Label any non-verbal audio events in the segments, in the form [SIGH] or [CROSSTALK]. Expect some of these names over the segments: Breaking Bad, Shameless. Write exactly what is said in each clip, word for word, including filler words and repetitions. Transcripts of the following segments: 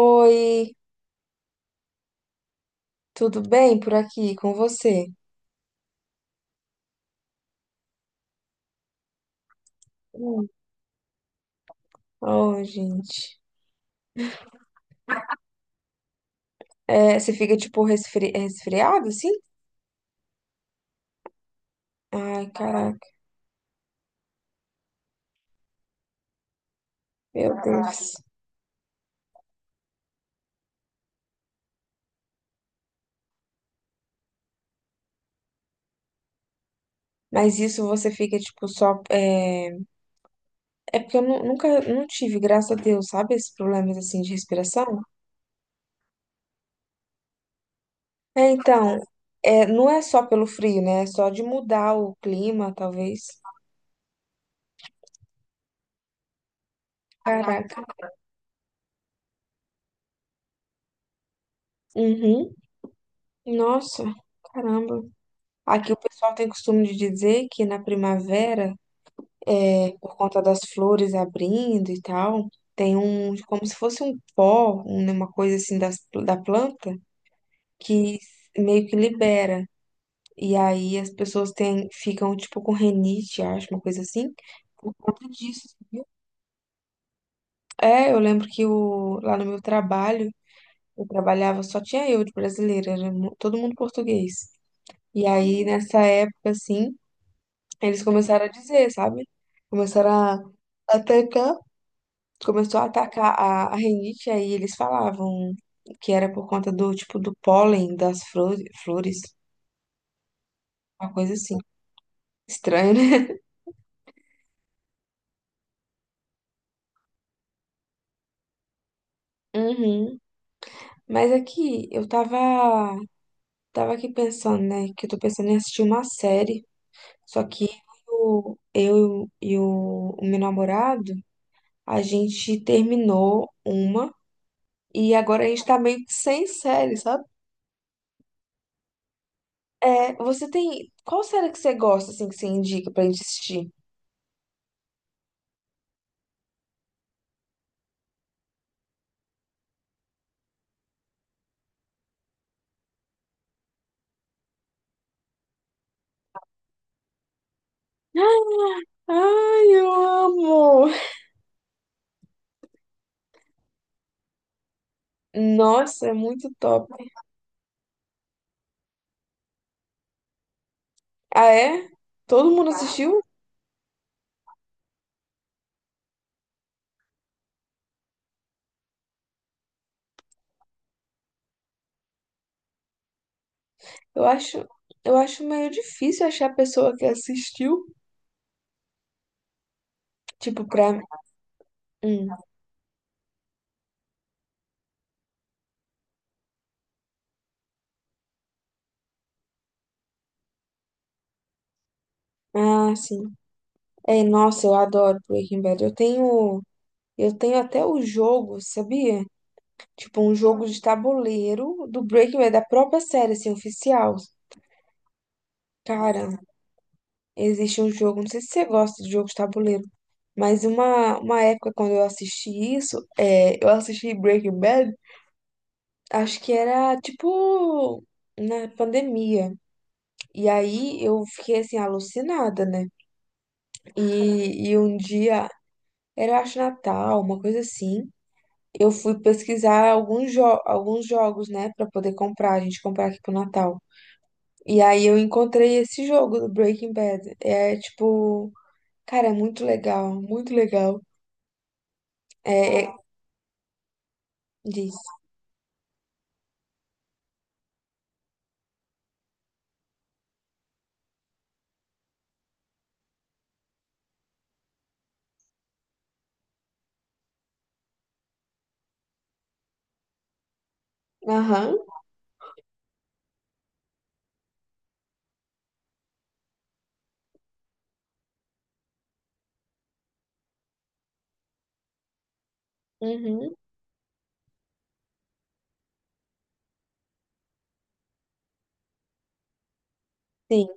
Oi, tudo bem por aqui com você? Hum. Oh, gente. É, você fica tipo resfri... resfriado, assim? Ai, caraca, meu Deus. Mas isso você fica tipo só. É, é porque eu nu- nunca não tive, graças a Deus, sabe? Esses problemas assim de respiração. É, então, é, não é só pelo frio, né? É só de mudar o clima, talvez. Caraca. Uhum. Nossa, caramba. Aqui o pessoal tem costume de dizer que na primavera, por conta das flores abrindo e tal, tem um, como se fosse um pó, um- né, uma coisa assim das, da planta, que meio que libera. E aí as pessoas têm, ficam tipo com renite, acho, uma coisa assim, por conta disso, viu? É, eu lembro que o, lá no meu trabalho, eu trabalhava, só tinha eu de brasileira, era mu- todo mundo português. E aí nessa época, assim, eles começaram a dizer, sabe? Começaram a atacar, começou a atacar a, a rinite, aí eles falavam que era por conta do tipo do pólen das flores, flores, uma coisa assim. Estranho, né? Uhum. Mas aqui eu tava, tava aqui pensando, né? Que eu tô pensando em assistir uma série. Só que eu, eu e o, o meu namorado, a gente terminou uma e agora a gente tá meio que sem série, sabe? É, você tem. Qual série que você gosta, assim, que você indica pra gente assistir? Ai, eu amo! Nossa, é muito top. Ah, é? Todo mundo assistiu? Eu acho, eu acho meio difícil achar a pessoa que assistiu. Tipo, pra. Hum. Ah, sim. É, nossa, eu adoro Breaking Bad. Eu tenho. Eu tenho até o jogo, sabia? Tipo, um jogo de tabuleiro do Breaking Bad, da própria série, assim, oficial. Cara, existe um jogo, não sei se você gosta de jogos de tabuleiro. Mas uma, uma época quando eu assisti isso, é, eu assisti Breaking Bad, acho que era tipo na pandemia. E aí eu fiquei assim, alucinada, né? E, e um dia, era acho Natal, uma coisa assim. Eu fui pesquisar alguns, jo alguns jogos, né, pra poder comprar, a gente comprar aqui pro Natal. E aí eu encontrei esse jogo do Breaking Bad. É tipo, cara, é muito legal, muito legal. É, é, diz. Aham. Uhum, sim,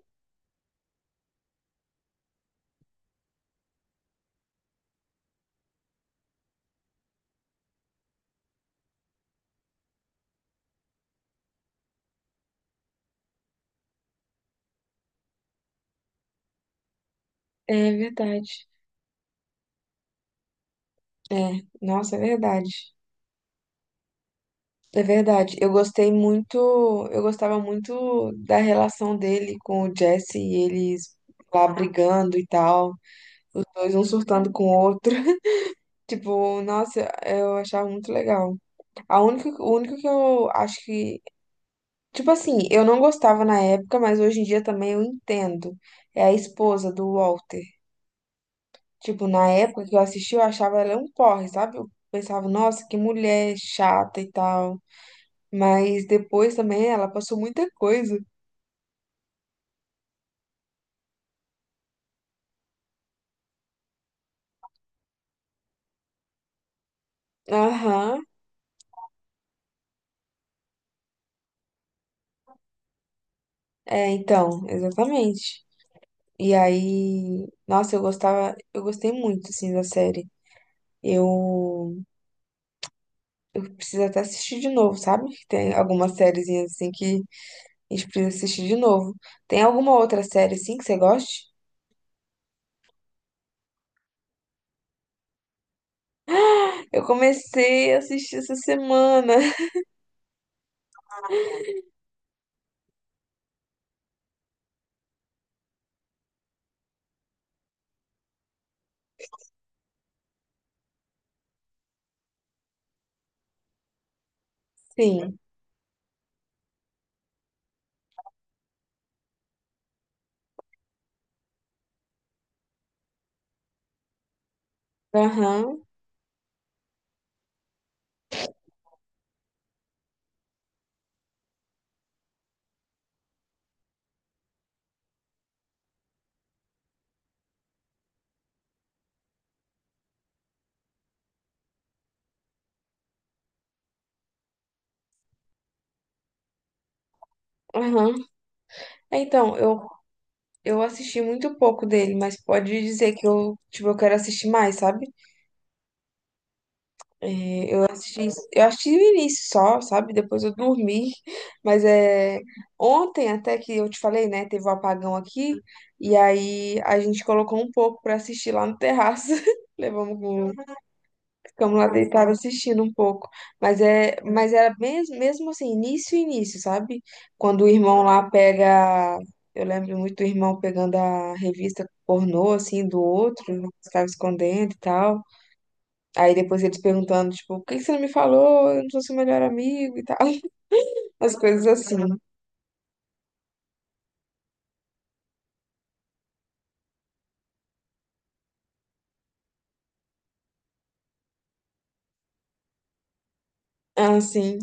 é verdade. É, nossa, é verdade. É verdade. Eu gostei muito, eu gostava muito da relação dele com o Jesse e eles lá brigando e tal, os dois um surtando com o outro. [LAUGHS] Tipo, nossa, eu achava muito legal. A única, o único que eu acho que, tipo assim, eu não gostava na época, mas hoje em dia também eu entendo. É a esposa do Walter. Tipo, na época que eu assisti, eu achava ela um porre, sabe? Eu pensava, nossa, que mulher chata e tal. Mas depois também ela passou muita coisa. Aham. É, então, exatamente. E aí, nossa, eu gostava, eu gostei muito, assim, da série. Eu preciso até assistir de novo, sabe? Tem algumas sériezinhas assim que a gente precisa assistir de novo. Tem alguma outra série assim que você goste? Eu comecei a assistir essa semana. [LAUGHS] Sim. Aham. Aham. É, então, eu, eu assisti muito pouco dele, mas pode dizer que eu, tipo, eu quero assistir mais, sabe? Eu assisti, eu assisti o início só, sabe? Depois eu dormi. [LAUGHS] Mas é ontem até que eu te falei, né? Teve um apagão aqui, e aí a gente colocou um pouco pra assistir lá no terraço. [LAUGHS] Levamos. Ficamos lá deitados assistindo um pouco. Mas é, mas era mesmo, mesmo assim, início início, sabe? Quando o irmão lá pega. Eu lembro muito do irmão pegando a revista pornô, assim, do outro, estava escondendo e tal. Aí depois eles perguntando, tipo, por que que você não me falou? Eu não sou seu melhor amigo e tal. [LAUGHS] As coisas assim. Assim.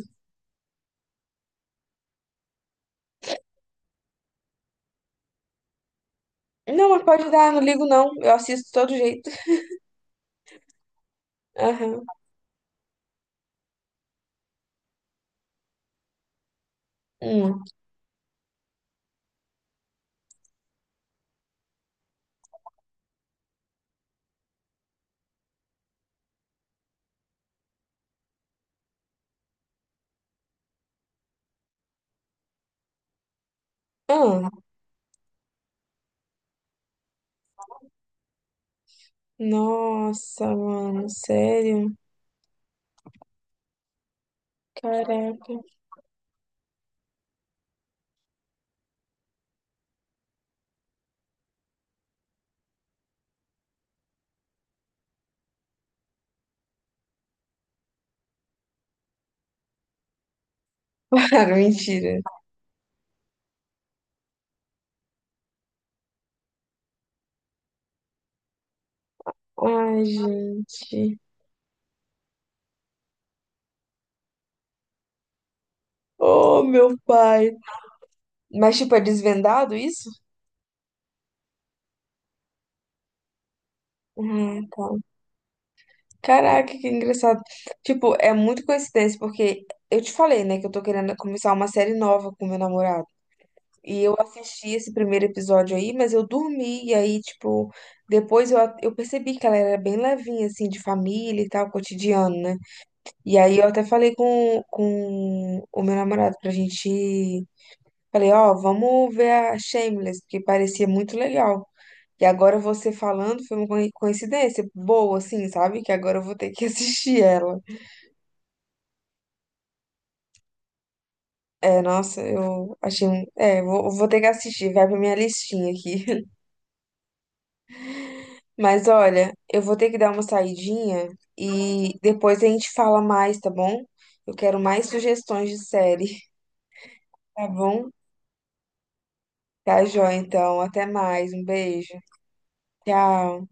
Não, mas pode dar, não ligo não. Eu assisto de todo jeito. Aham. Hum. Ah. Nossa, mano, sério? Caraca. [LAUGHS] Cara, mentira. Ai, gente. Oh, meu pai. Mas, tipo, é desvendado isso? Ah, tá. Caraca, que engraçado. Tipo, é muito coincidência, porque eu te falei, né, que eu tô querendo começar uma série nova com meu namorado. E eu assisti esse primeiro episódio aí, mas eu dormi, e aí, tipo, depois eu, a- eu percebi que ela era bem levinha, assim, de família e tal, cotidiano, né? E aí eu até falei com, com o meu namorado pra gente. Falei, ó, vamos ver a Shameless, porque parecia muito legal. E agora você falando foi uma coi- coincidência boa, assim, sabe? Que agora eu vou ter que [LAUGHS] assistir ela. É, nossa, eu achei. um- É, vou, vou ter que assistir, vai pra minha listinha aqui. [LAUGHS] Mas olha, eu vou ter que dar uma saidinha e depois a gente fala mais, tá bom? Eu quero mais sugestões de série, [LAUGHS] tá bom? Tá, joia, então. Até mais. Um beijo. Tchau.